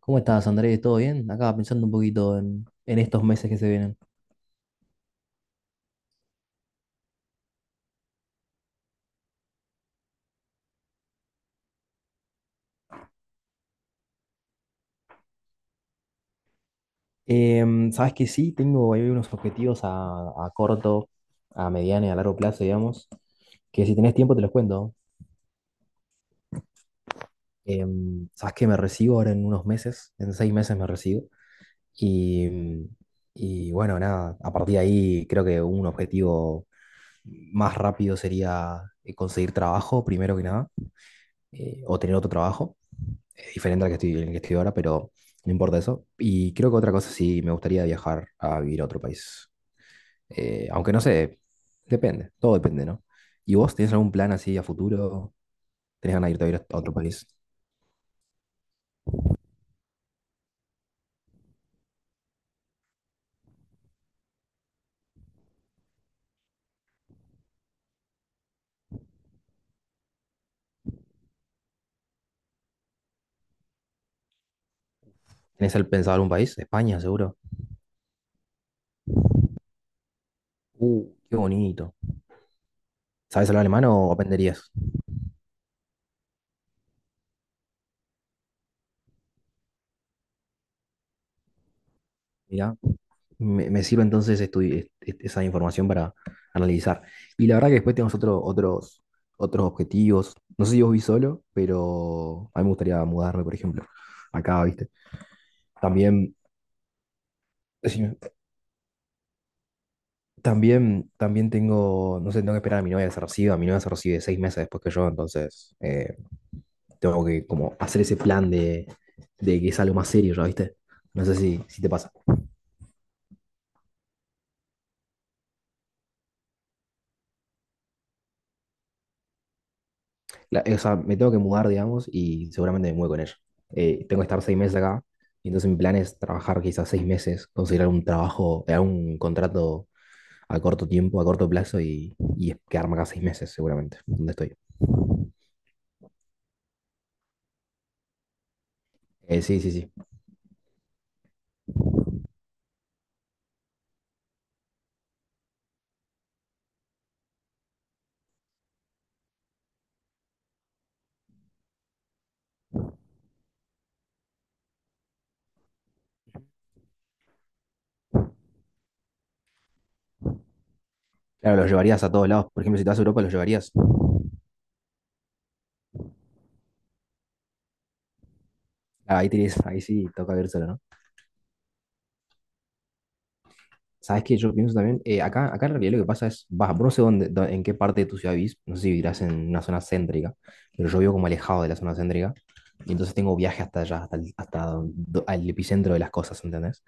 ¿Cómo estás, Andrés? ¿Todo bien? Acá pensando un poquito en estos meses que se vienen. Sabes que sí, tengo ahí unos objetivos a corto, a mediano y a largo plazo, digamos, que si tenés tiempo te los cuento. Sabes que me recibo ahora en unos meses, en 6 meses me recibo. Y, mm, y bueno, nada, a partir de ahí creo que un objetivo más rápido sería conseguir trabajo, primero que nada, o tener otro trabajo. Es diferente al que estoy, el que estoy ahora, pero no importa eso. Y creo que otra cosa sí, me gustaría viajar a vivir a otro país. Aunque no sé, depende, todo depende, ¿no? ¿Y vos tenés algún plan así a futuro? ¿Tenés ganas de irte a vivir a otro país? ¿Tenés el pensado algún país? España, seguro. Qué bonito. ¿Sabes hablar alemán o aprenderías? Mira, me sirve entonces esa información para analizar. Y la verdad que después tenemos otros objetivos. No sé si vos vi solo, pero a mí me gustaría mudarme, por ejemplo, acá, ¿viste? También, decime, también tengo, no sé, tengo que esperar a mi novia que se reciba. Mi novia se recibe 6 meses después que yo, entonces tengo que como hacer ese plan de que es algo más serio, ¿ya viste? No sé si te pasa. O sea, me tengo que mudar, digamos, y seguramente me muevo con ella. Tengo que estar 6 meses acá, y entonces mi plan es trabajar quizás 6 meses, conseguir algún trabajo, algún contrato a corto tiempo, a corto plazo, y quedarme acá 6 meses, seguramente, donde estoy. Sí, sí, sí. Claro, los llevarías a todos lados. Por ejemplo, si te vas a Europa, los llevarías. Ah, ahí, tienes, ahí sí, toca ver solo, ¿no? Sabes que yo pienso también, acá en realidad lo que pasa es, vas, vos no sé dónde, en qué parte de tu ciudad vivís, no sé si vivirás en una zona céntrica, pero yo vivo como alejado de la zona céntrica, y entonces tengo viaje hasta allá, hasta el, hasta do- al epicentro de las cosas, ¿entendés?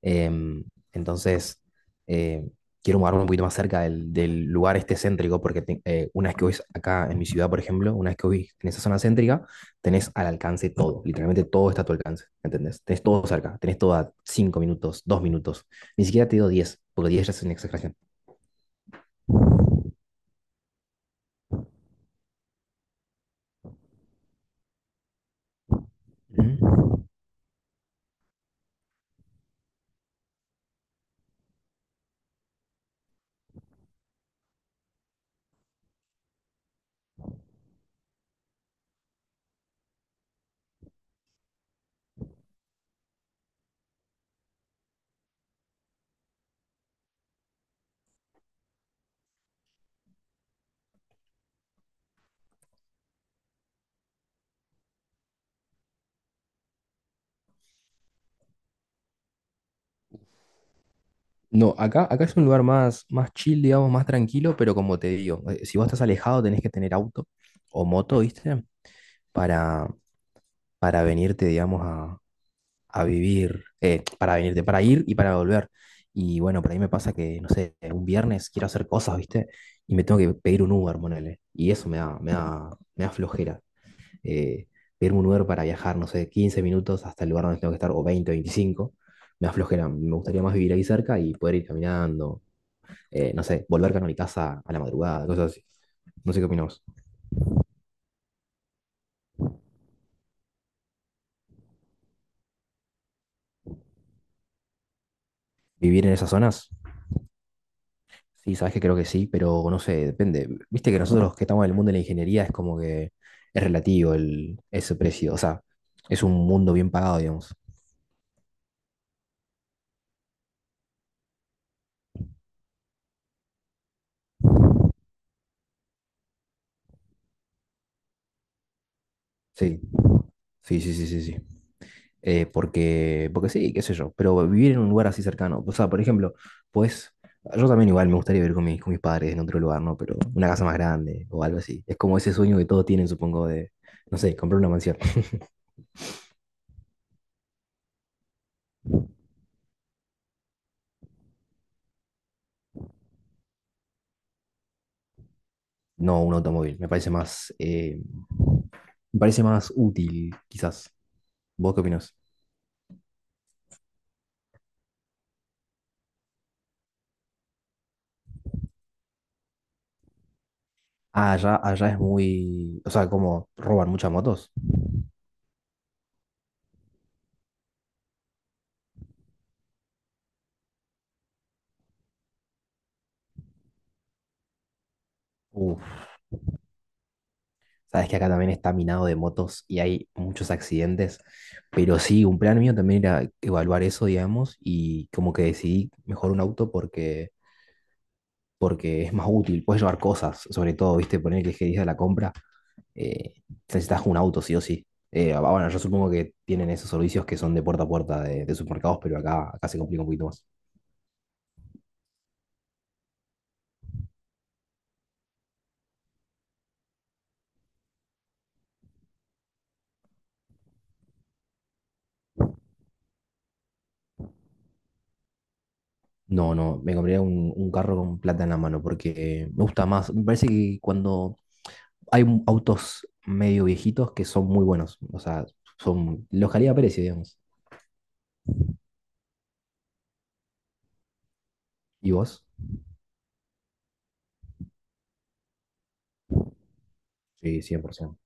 Em, entonces, eh, quiero mudarme un poquito más cerca del lugar este céntrico, porque una vez que vivís acá en mi ciudad, por ejemplo, una vez que vivís en esa zona céntrica, tenés al alcance todo, literalmente todo está a tu alcance, ¿entendés? Tenés todo cerca, tenés todo a 5 minutos, 2 minutos. Ni siquiera te digo 10 porque 10 ya es una exageración. Mm. No, acá es un lugar más, más chill, digamos, más tranquilo, pero como te digo, si vos estás alejado tenés que tener auto o moto, ¿viste? Para, para venirte, digamos, a vivir, para venirte, para ir y para volver. Y bueno, por ahí me pasa que, no sé, un viernes quiero hacer cosas, ¿viste? Y me tengo que pedir un Uber, ponele. Y eso me da flojera. eh, Pedirme un Uber para viajar, no sé, 15 minutos hasta el lugar donde tengo que estar, o 20, 25 me da flojera me gustaría más vivir ahí cerca y poder ir caminando, no sé, volver a mi casa a la madrugada, cosas así. No sé qué opinamos. ¿Vivir en esas zonas? Sí, sabes que creo que sí, pero no sé, depende. Viste que nosotros que estamos en el mundo de la ingeniería es como que es relativo ese precio, o sea, es un mundo bien pagado, digamos. Sí, sí, sí, sí, sí, sí. Porque sí, qué sé yo, pero vivir en un lugar así cercano, o sea, por ejemplo, pues yo también igual me gustaría vivir con mis padres en otro lugar, ¿no? Pero una casa más grande o algo así. Es como ese sueño que todos tienen, supongo, de, no sé, comprar una mansión. No un automóvil, me parece más útil, quizás. ¿Vos qué opinás? Ah, allá, allá es muy, o sea, como roban muchas motos. Uf, sabes que acá también está minado de motos y hay muchos accidentes, pero sí, un plan mío también era evaluar eso, digamos, y como que decidí mejor un auto porque, porque es más útil, puedes llevar cosas, sobre todo, viste, poner que dije de la compra, eh, necesitas un auto, sí o sí. Bueno, yo supongo que tienen esos servicios que son de puerta a puerta de supermercados, pero acá se complica un poquito más. No, no, me compraría un carro con plata en la mano porque me gusta más, me parece que cuando hay autos medio viejitos que son muy buenos. O sea, son los calidad-precio, digamos. ¿Y vos? Sí, 100%.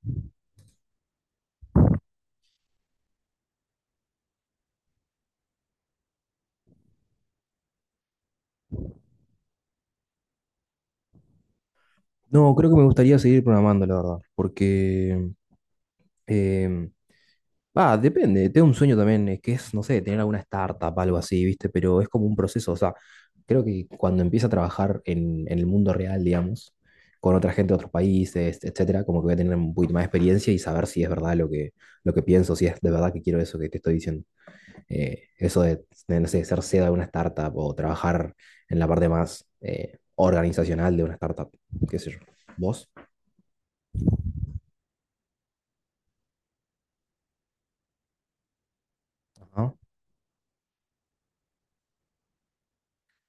No, creo que me gustaría seguir programando, la verdad. Porque. eh, Va, depende. Tengo un sueño también, que es, no sé, tener alguna startup, algo así, ¿viste? Pero es como un proceso. O sea, creo que cuando empieza a trabajar en el mundo real, digamos, con otra gente de otros países, etcétera, como que voy a tener un poquito más de experiencia y saber si es verdad lo que pienso, si es de verdad que quiero eso que te estoy diciendo. Eso no sé, ser CEO de una startup o trabajar en la parte más organizacional de una startup, qué sé yo. ¿Vos? Ajá.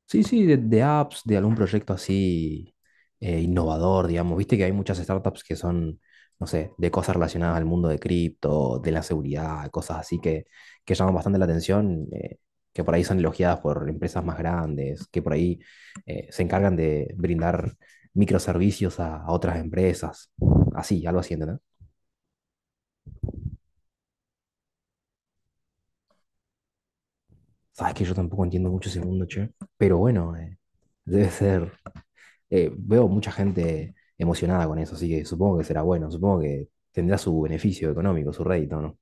Sí, sí, de apps, de algún proyecto así innovador, digamos. Viste que hay muchas startups que son, no sé, de cosas relacionadas al mundo de cripto, de la seguridad, cosas así que llaman bastante la atención, que por ahí son elogiadas por empresas más grandes, que por ahí se encargan de brindar microservicios a otras empresas. Así, algo así, ¿entendés? Sabes que yo tampoco entiendo mucho ese mundo, che. Pero bueno, debe ser veo mucha gente emocionada con eso, así que supongo que será bueno, supongo que tendrá su beneficio económico, su rédito, ¿no?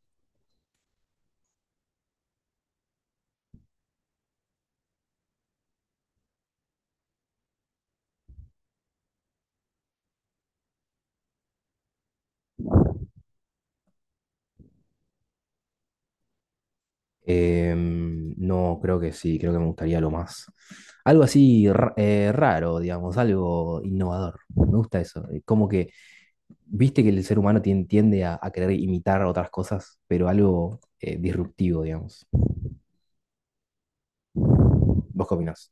No, creo que sí, creo que me gustaría lo más. Algo así raro, digamos, algo innovador. Me gusta eso. Como que, viste que el ser humano tiende a querer imitar otras cosas, pero algo disruptivo, digamos. ¿Vos qué opinás?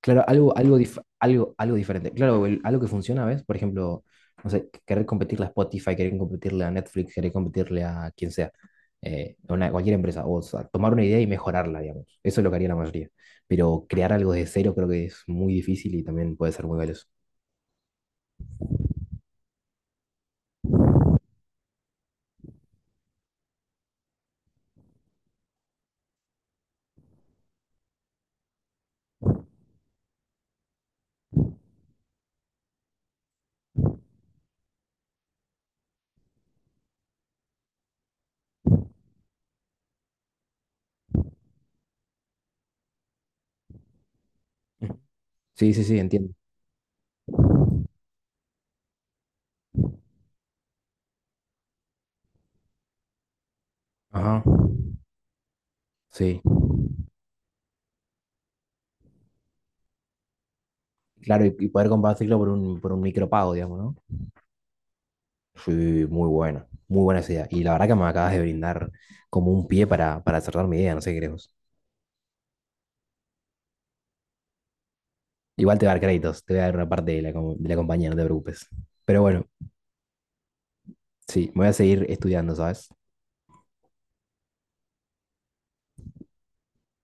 Claro, algo, algo, algo, algo diferente. Claro, algo que funciona, ¿ves? Por ejemplo, no sé, querer competirle a Spotify, querer competirle a Netflix, querer competirle a quien sea, cualquier empresa, o sea, tomar una idea y mejorarla, digamos. Eso es lo que haría la mayoría. Pero crear algo de cero creo que es muy difícil y también puede ser muy valioso. Sí, sí, sí, entiendo. Ajá. Sí, claro, y poder compartirlo por por un micropago, digamos, ¿no? Sí, muy buena esa idea. Y la verdad que me acabas de brindar como un pie para cerrar mi idea, no sé qué crees. Vos. Igual te voy a dar créditos, te voy a dar una parte de la, de la compañía, no te preocupes. Pero bueno, sí, me voy a seguir estudiando, ¿sabes?